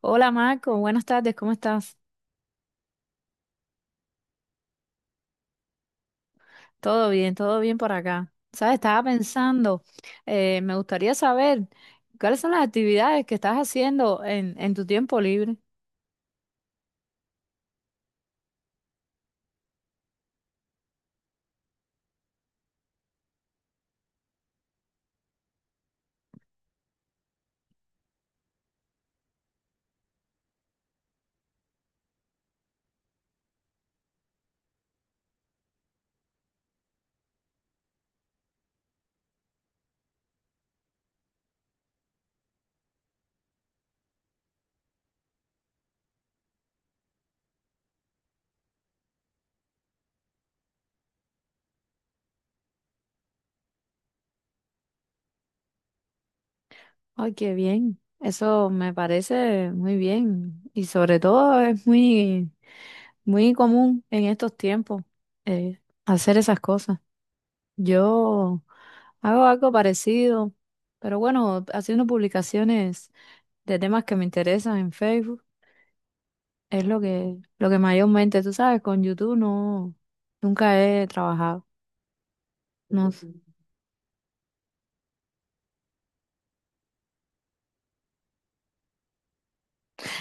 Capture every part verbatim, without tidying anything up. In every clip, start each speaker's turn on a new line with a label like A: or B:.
A: Hola Marco, buenas tardes, ¿cómo estás? Todo bien, todo bien por acá. Sabes, estaba pensando, eh, me gustaría saber cuáles son las actividades que estás haciendo en, en tu tiempo libre. Ay, qué bien, eso me parece muy bien y sobre todo es muy, muy común en estos tiempos eh, hacer esas cosas. Yo hago algo parecido, pero bueno, haciendo publicaciones de temas que me interesan en Facebook. Es lo que, lo que mayormente, tú sabes, con YouTube no, nunca he trabajado. No sé.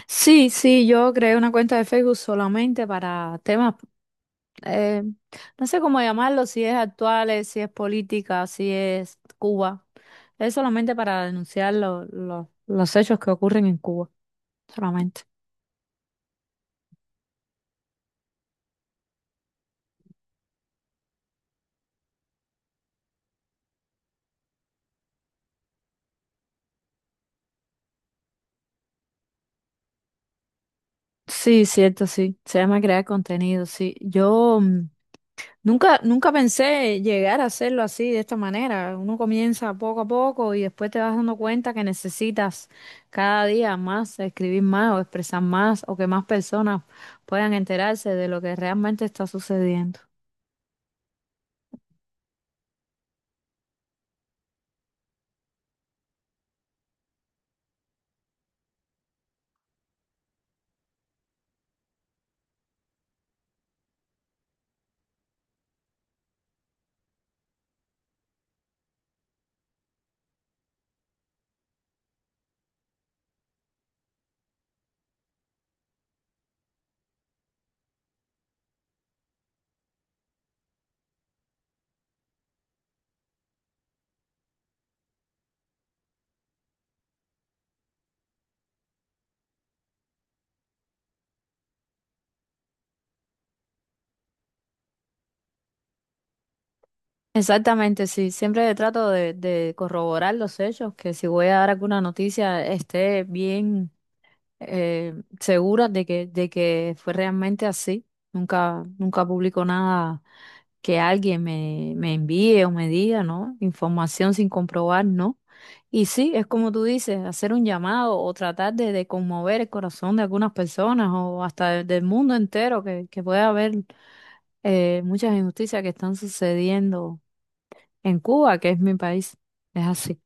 A: Sí, sí, yo creé una cuenta de Facebook solamente para temas, eh, no sé cómo llamarlo, si es actuales, si es política, si es Cuba. Es solamente para denunciar lo- lo- los hechos que ocurren en Cuba, solamente. Sí, cierto, sí. Se llama crear contenido, sí. Yo mm, Nunca, nunca pensé llegar a hacerlo así, de esta manera. Uno comienza poco a poco y después te vas dando cuenta que necesitas cada día más escribir más o expresar más o que más personas puedan enterarse de lo que realmente está sucediendo. Exactamente, sí. Siempre trato de, de corroborar los hechos, que si voy a dar alguna noticia esté bien. eh, Segura de que, de que fue realmente así. Nunca, nunca publico nada que alguien me, me envíe o me diga, ¿no? Información sin comprobar, ¿no? Y sí, es como tú dices, hacer un llamado o tratar de, de conmover el corazón de algunas personas o hasta de- del mundo entero, que, que puede haber eh, muchas injusticias que están sucediendo en Cuba, que es mi país. Es así.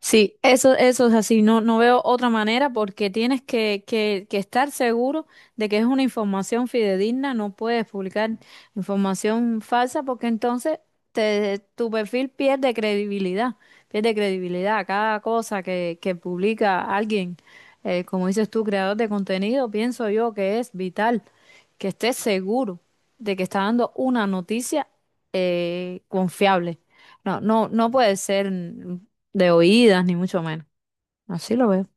A: Sí, eso, eso es así. No, no veo otra manera porque tienes que, que, que estar seguro de que es una información fidedigna. No puedes publicar información falsa porque entonces te, tu perfil pierde credibilidad. Pierde credibilidad. Cada cosa que, que publica alguien, eh, como dices tú, creador de contenido, pienso yo que es vital que estés seguro de que está dando una noticia eh, confiable. No, no, no puede ser de oídas, ni mucho menos. Así lo veo.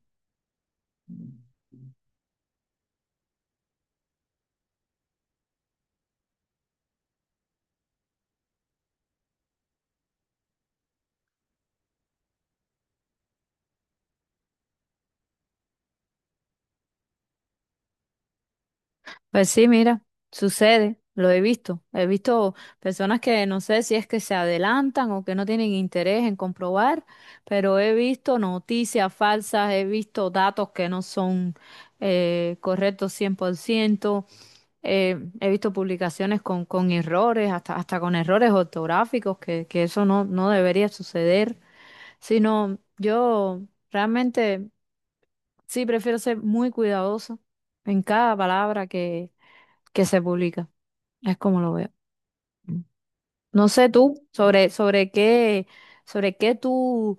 A: Pues sí, mira, sucede, lo he visto. He visto personas que no sé si es que se adelantan o que no tienen interés en comprobar, pero he visto noticias falsas, he visto datos que no son eh, correctos cien por ciento, eh, he visto publicaciones con, con errores, hasta, hasta con errores ortográficos, que, que eso no, no debería suceder, sino yo realmente... Sí, prefiero ser muy cuidadoso en cada palabra que, que se publica. Es como lo veo. Mm. No sé tú sobre, sobre qué, sobre qué tú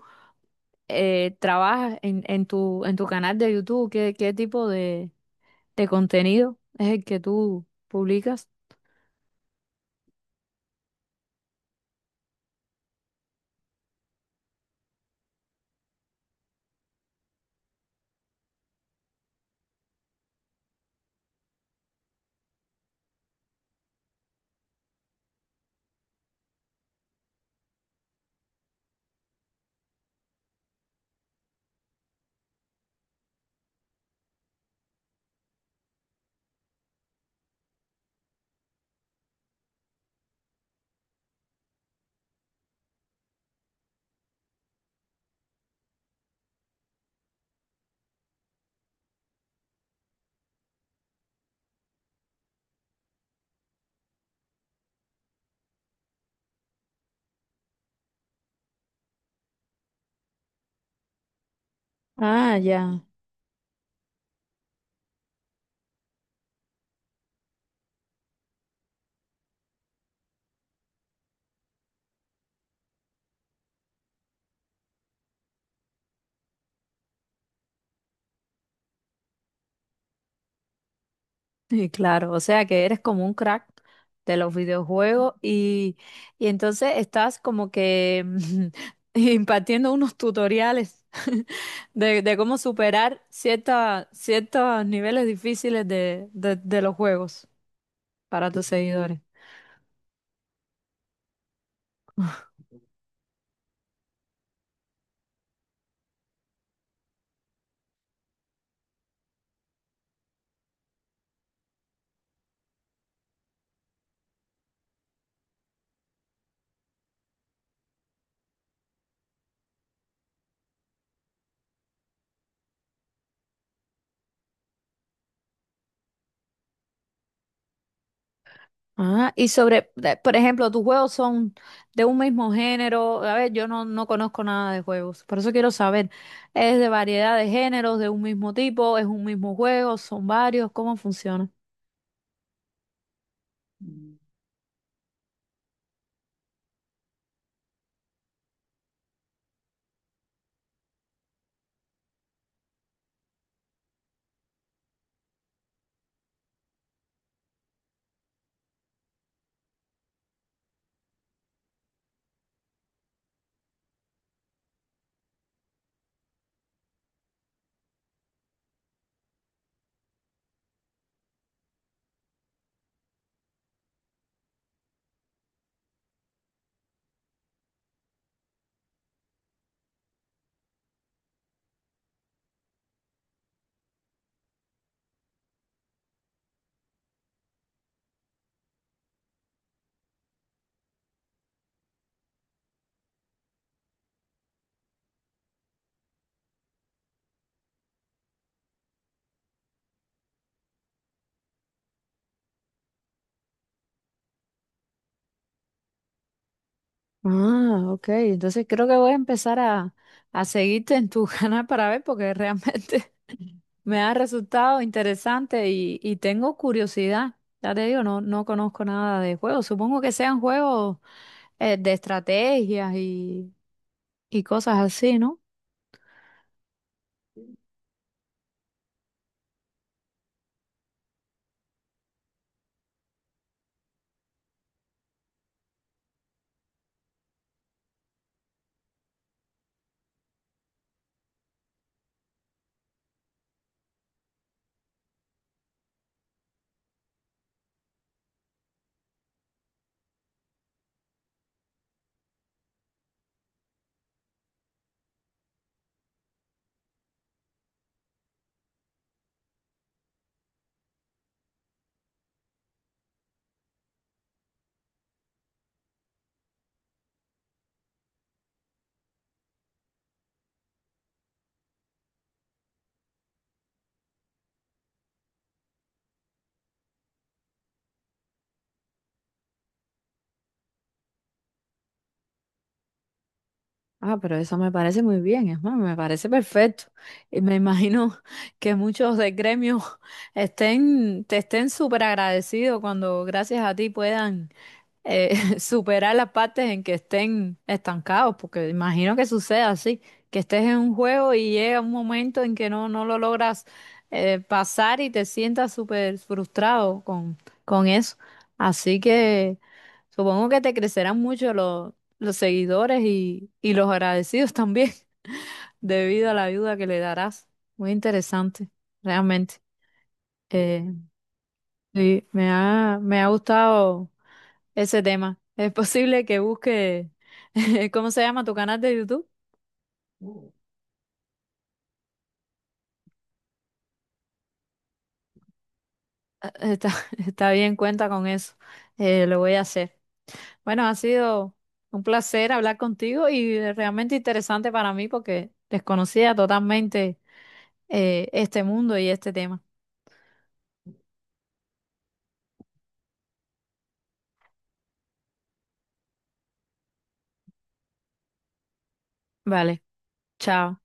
A: eh, trabajas en, en tu, en tu canal de YouTube, qué, qué tipo de, de contenido es el que tú publicas. Ah, ya. Y claro, o sea que eres como un crack de los videojuegos y, y entonces estás como que impartiendo unos tutoriales de, de cómo superar cierta- ciertos niveles difíciles de, de- de los juegos para tus seguidores. Ah, y sobre, de- por ejemplo, tus juegos son de un mismo género. A ver, yo no, no conozco nada de juegos, por eso quiero saber. ¿Es de variedad de géneros, de un mismo tipo? ¿Es un mismo juego? ¿Son varios? ¿Cómo funciona? Ah, ok. Entonces creo que voy a empezar a, a seguirte en tu canal para ver porque realmente me ha resultado interesante y, y tengo curiosidad. Ya te digo, no, no conozco nada de juegos. Supongo que sean juegos eh, de estrategias y, y cosas así, ¿no? Ah, pero eso me parece muy bien, es más, me parece perfecto. Y me imagino que muchos de gremio estén, te estén súper agradecidos cuando gracias a ti puedan eh, superar las partes en que estén estancados, porque imagino que sucede así, que estés en un juego y llega un momento en que no, no lo logras eh, pasar y te sientas súper frustrado con, con eso. Así que supongo que te crecerán mucho los, los seguidores y, y los agradecidos también, debido a la ayuda que le darás. Muy interesante, realmente. Eh, sí, me ha, me ha gustado ese tema. Es posible que busque, ¿cómo se llama tu canal de YouTube? Ah, está, está bien, cuenta con eso. Eh, lo voy a hacer. Bueno, ha sido un placer hablar contigo y eh, realmente interesante para mí porque desconocía totalmente eh, este mundo y este tema. Vale, chao.